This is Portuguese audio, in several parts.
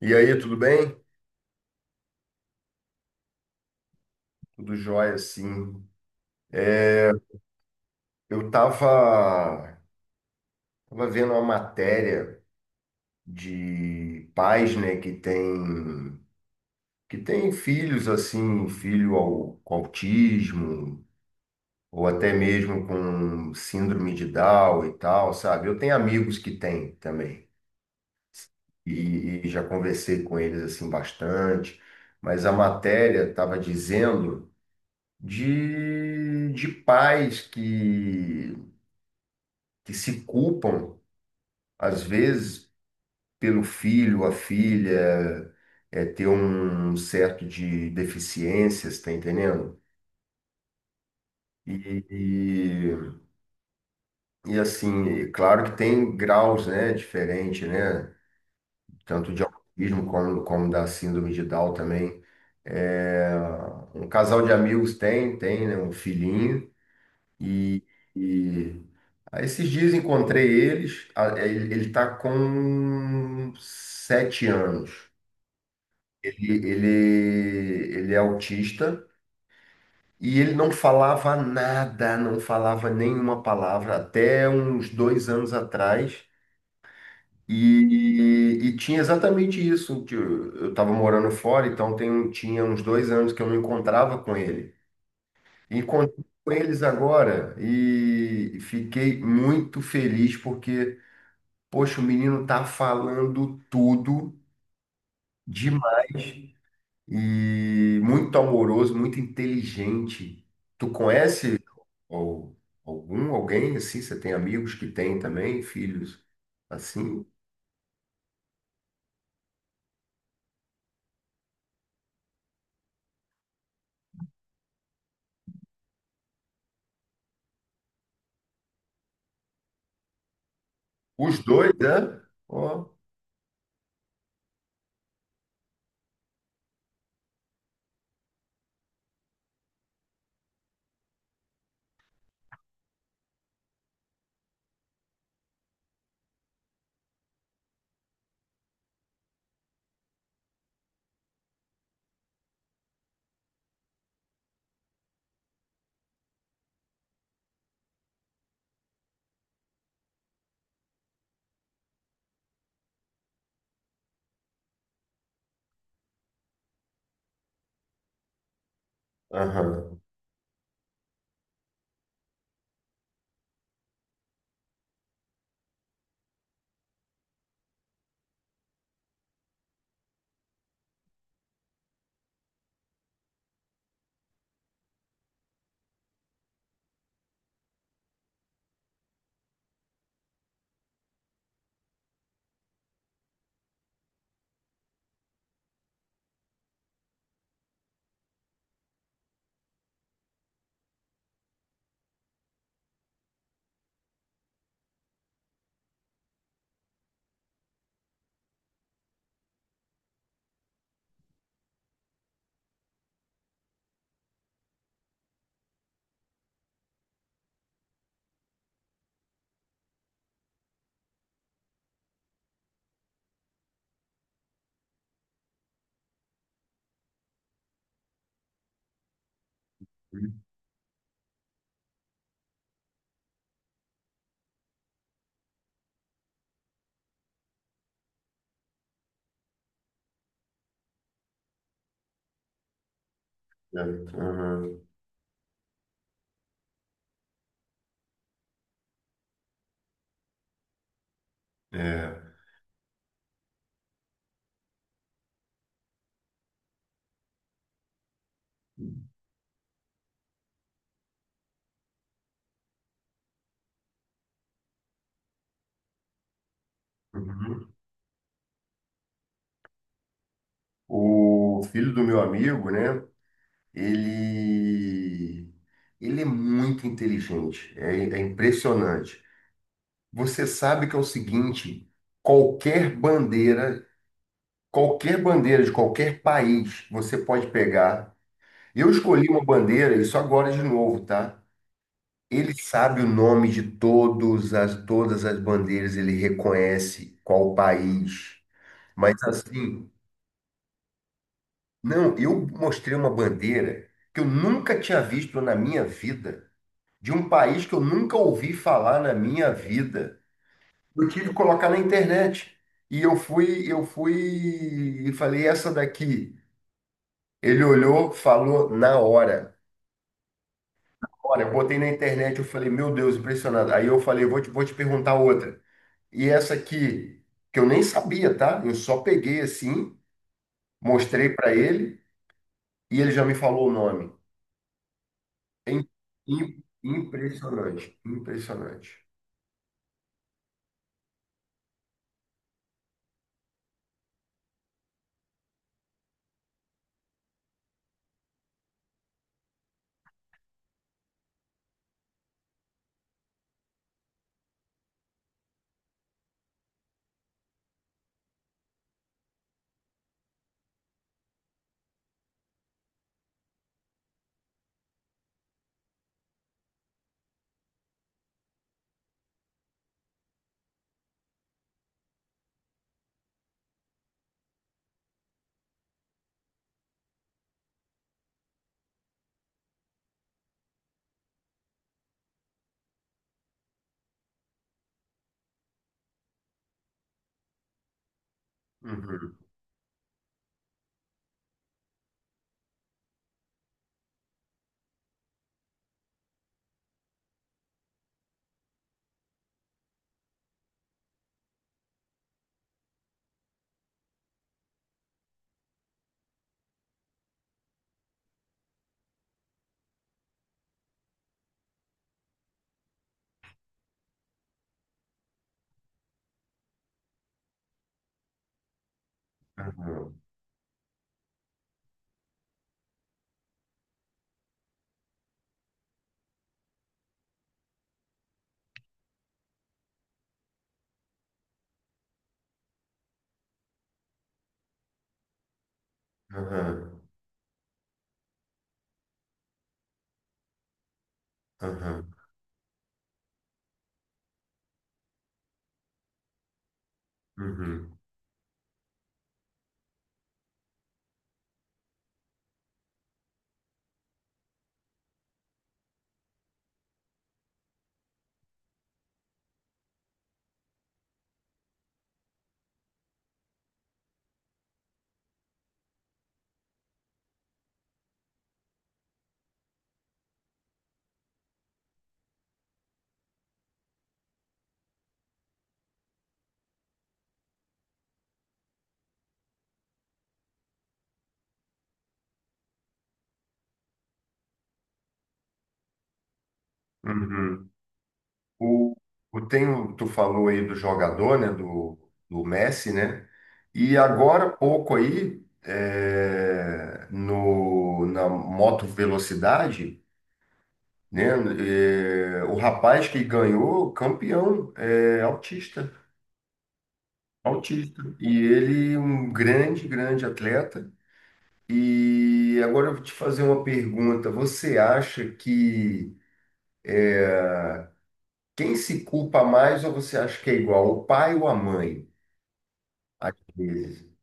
E aí, tudo bem? Tudo jóia, sim. É, Eu tava, tava vendo uma matéria de pais, né, que tem filhos, assim, com autismo, ou até mesmo com síndrome de Down e tal, sabe? Eu tenho amigos que têm também, e já conversei com eles, assim, bastante, mas a matéria tava dizendo de pais que se culpam às vezes pelo filho, a filha é, ter um certo de deficiências, tá entendendo? E, e, e, assim, é claro que tem graus, né, diferente, né, tanto de autismo como, como da síndrome de Down também. É, um casal de amigos tem, né, um filhinho e, e aí esses dias encontrei eles, ele, ele tá com sete anos. Ele é autista e ele não falava nada, não falava nenhuma palavra até uns dois anos atrás. E tinha exatamente isso. que Eu estava morando fora, então tinha uns dois anos que eu não encontrava com ele. Encontrei com eles agora e fiquei muito feliz porque, poxa, o menino tá falando tudo demais. E muito amoroso, muito inteligente. Tu conhece al- alguém assim? Você tem amigos que têm também filhos assim? Os dois, né? Ó, aham. Aham, é. Uhum. O filho do meu amigo, né? Ele, ele é muito inteligente, é impressionante. Você sabe que é o seguinte: qualquer bandeira qualquer bandeira de qualquer país você pode pegar. Eu escolhi uma bandeira, isso agora de novo, tá? Ele sabe o nome de todas as bandeiras, ele reconhece qual país. Mas assim, não, eu mostrei uma bandeira que eu nunca tinha visto na minha vida, de um país que eu nunca ouvi falar na minha vida. Eu tive que colocar na internet. E eu fui e falei, essa daqui. Ele olhou, falou na hora. Olha, eu botei na internet, eu falei, meu Deus, impressionado. Aí eu falei, vou te perguntar outra. E essa aqui, que eu nem sabia, tá? Eu só peguei assim, mostrei para ele e ele já me falou o nome. É im- impressionante, impressionante. Uhum, uhum, uhum, uhum, uhum, uhum. O, Tu falou aí do jogador, né, do Messi, né? E agora há pouco aí é, no na moto velocidade, né? É, o rapaz que ganhou campeão é autista, autista. E ele é um grande, grande atleta. E agora eu vou te fazer uma pergunta. Você acha que quem se culpa mais ou você acha que é igual, o pai ou a mãe? Às vezes.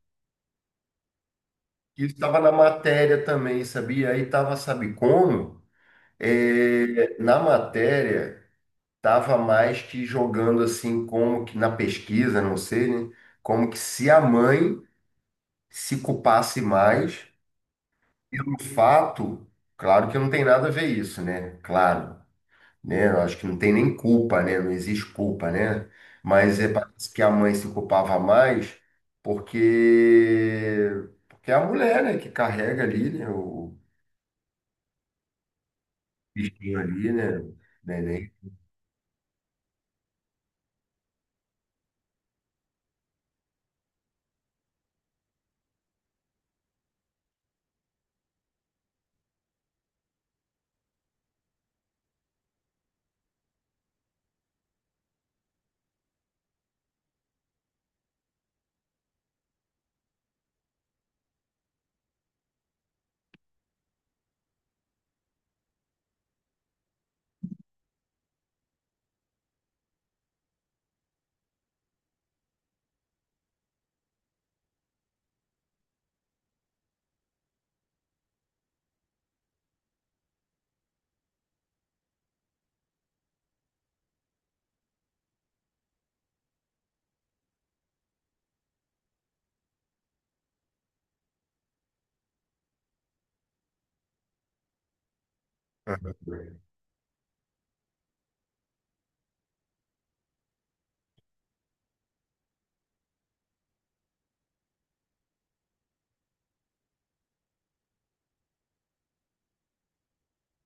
Isso estava na matéria também, sabia? Aí estava, sabe como? É, na matéria, estava mais que jogando assim, como que na pesquisa, não sei, né? Como que se a mãe se culpasse mais pelo fato, claro que não tem nada a ver isso, né? Claro, né? Eu acho que não tem nem culpa, né? Não existe culpa, né? Mas é, parece que a mãe se culpava mais porque, porque é a mulher, né, que carrega ali, né? Bichinho ali, né? Neném.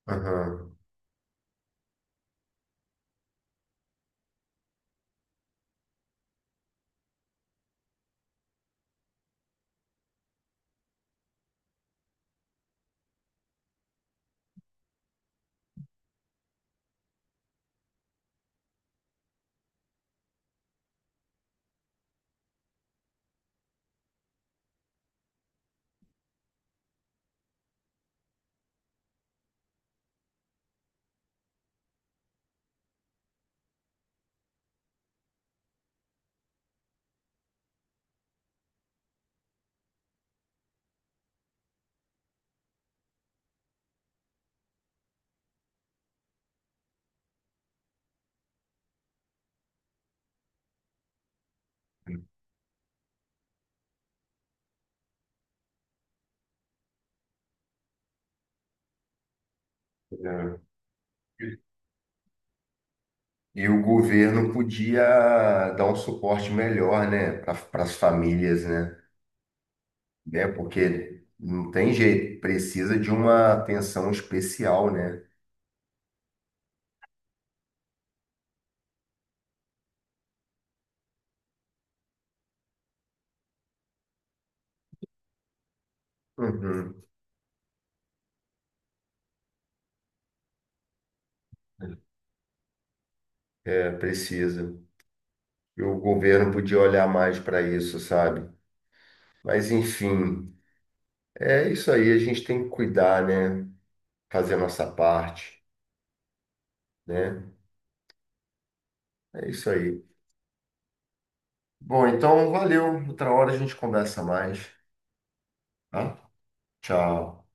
Aham. É. E o governo podia dar um suporte melhor, né, para as famílias, né? Né? Porque não tem jeito, precisa de uma atenção especial, né? Uhum. É, precisa. E o governo podia olhar mais para isso, sabe? Mas, enfim, é isso aí, a gente tem que cuidar, né? Fazer a nossa parte, né? É isso aí. Bom, então valeu. Outra hora a gente conversa mais, tá? Tchau.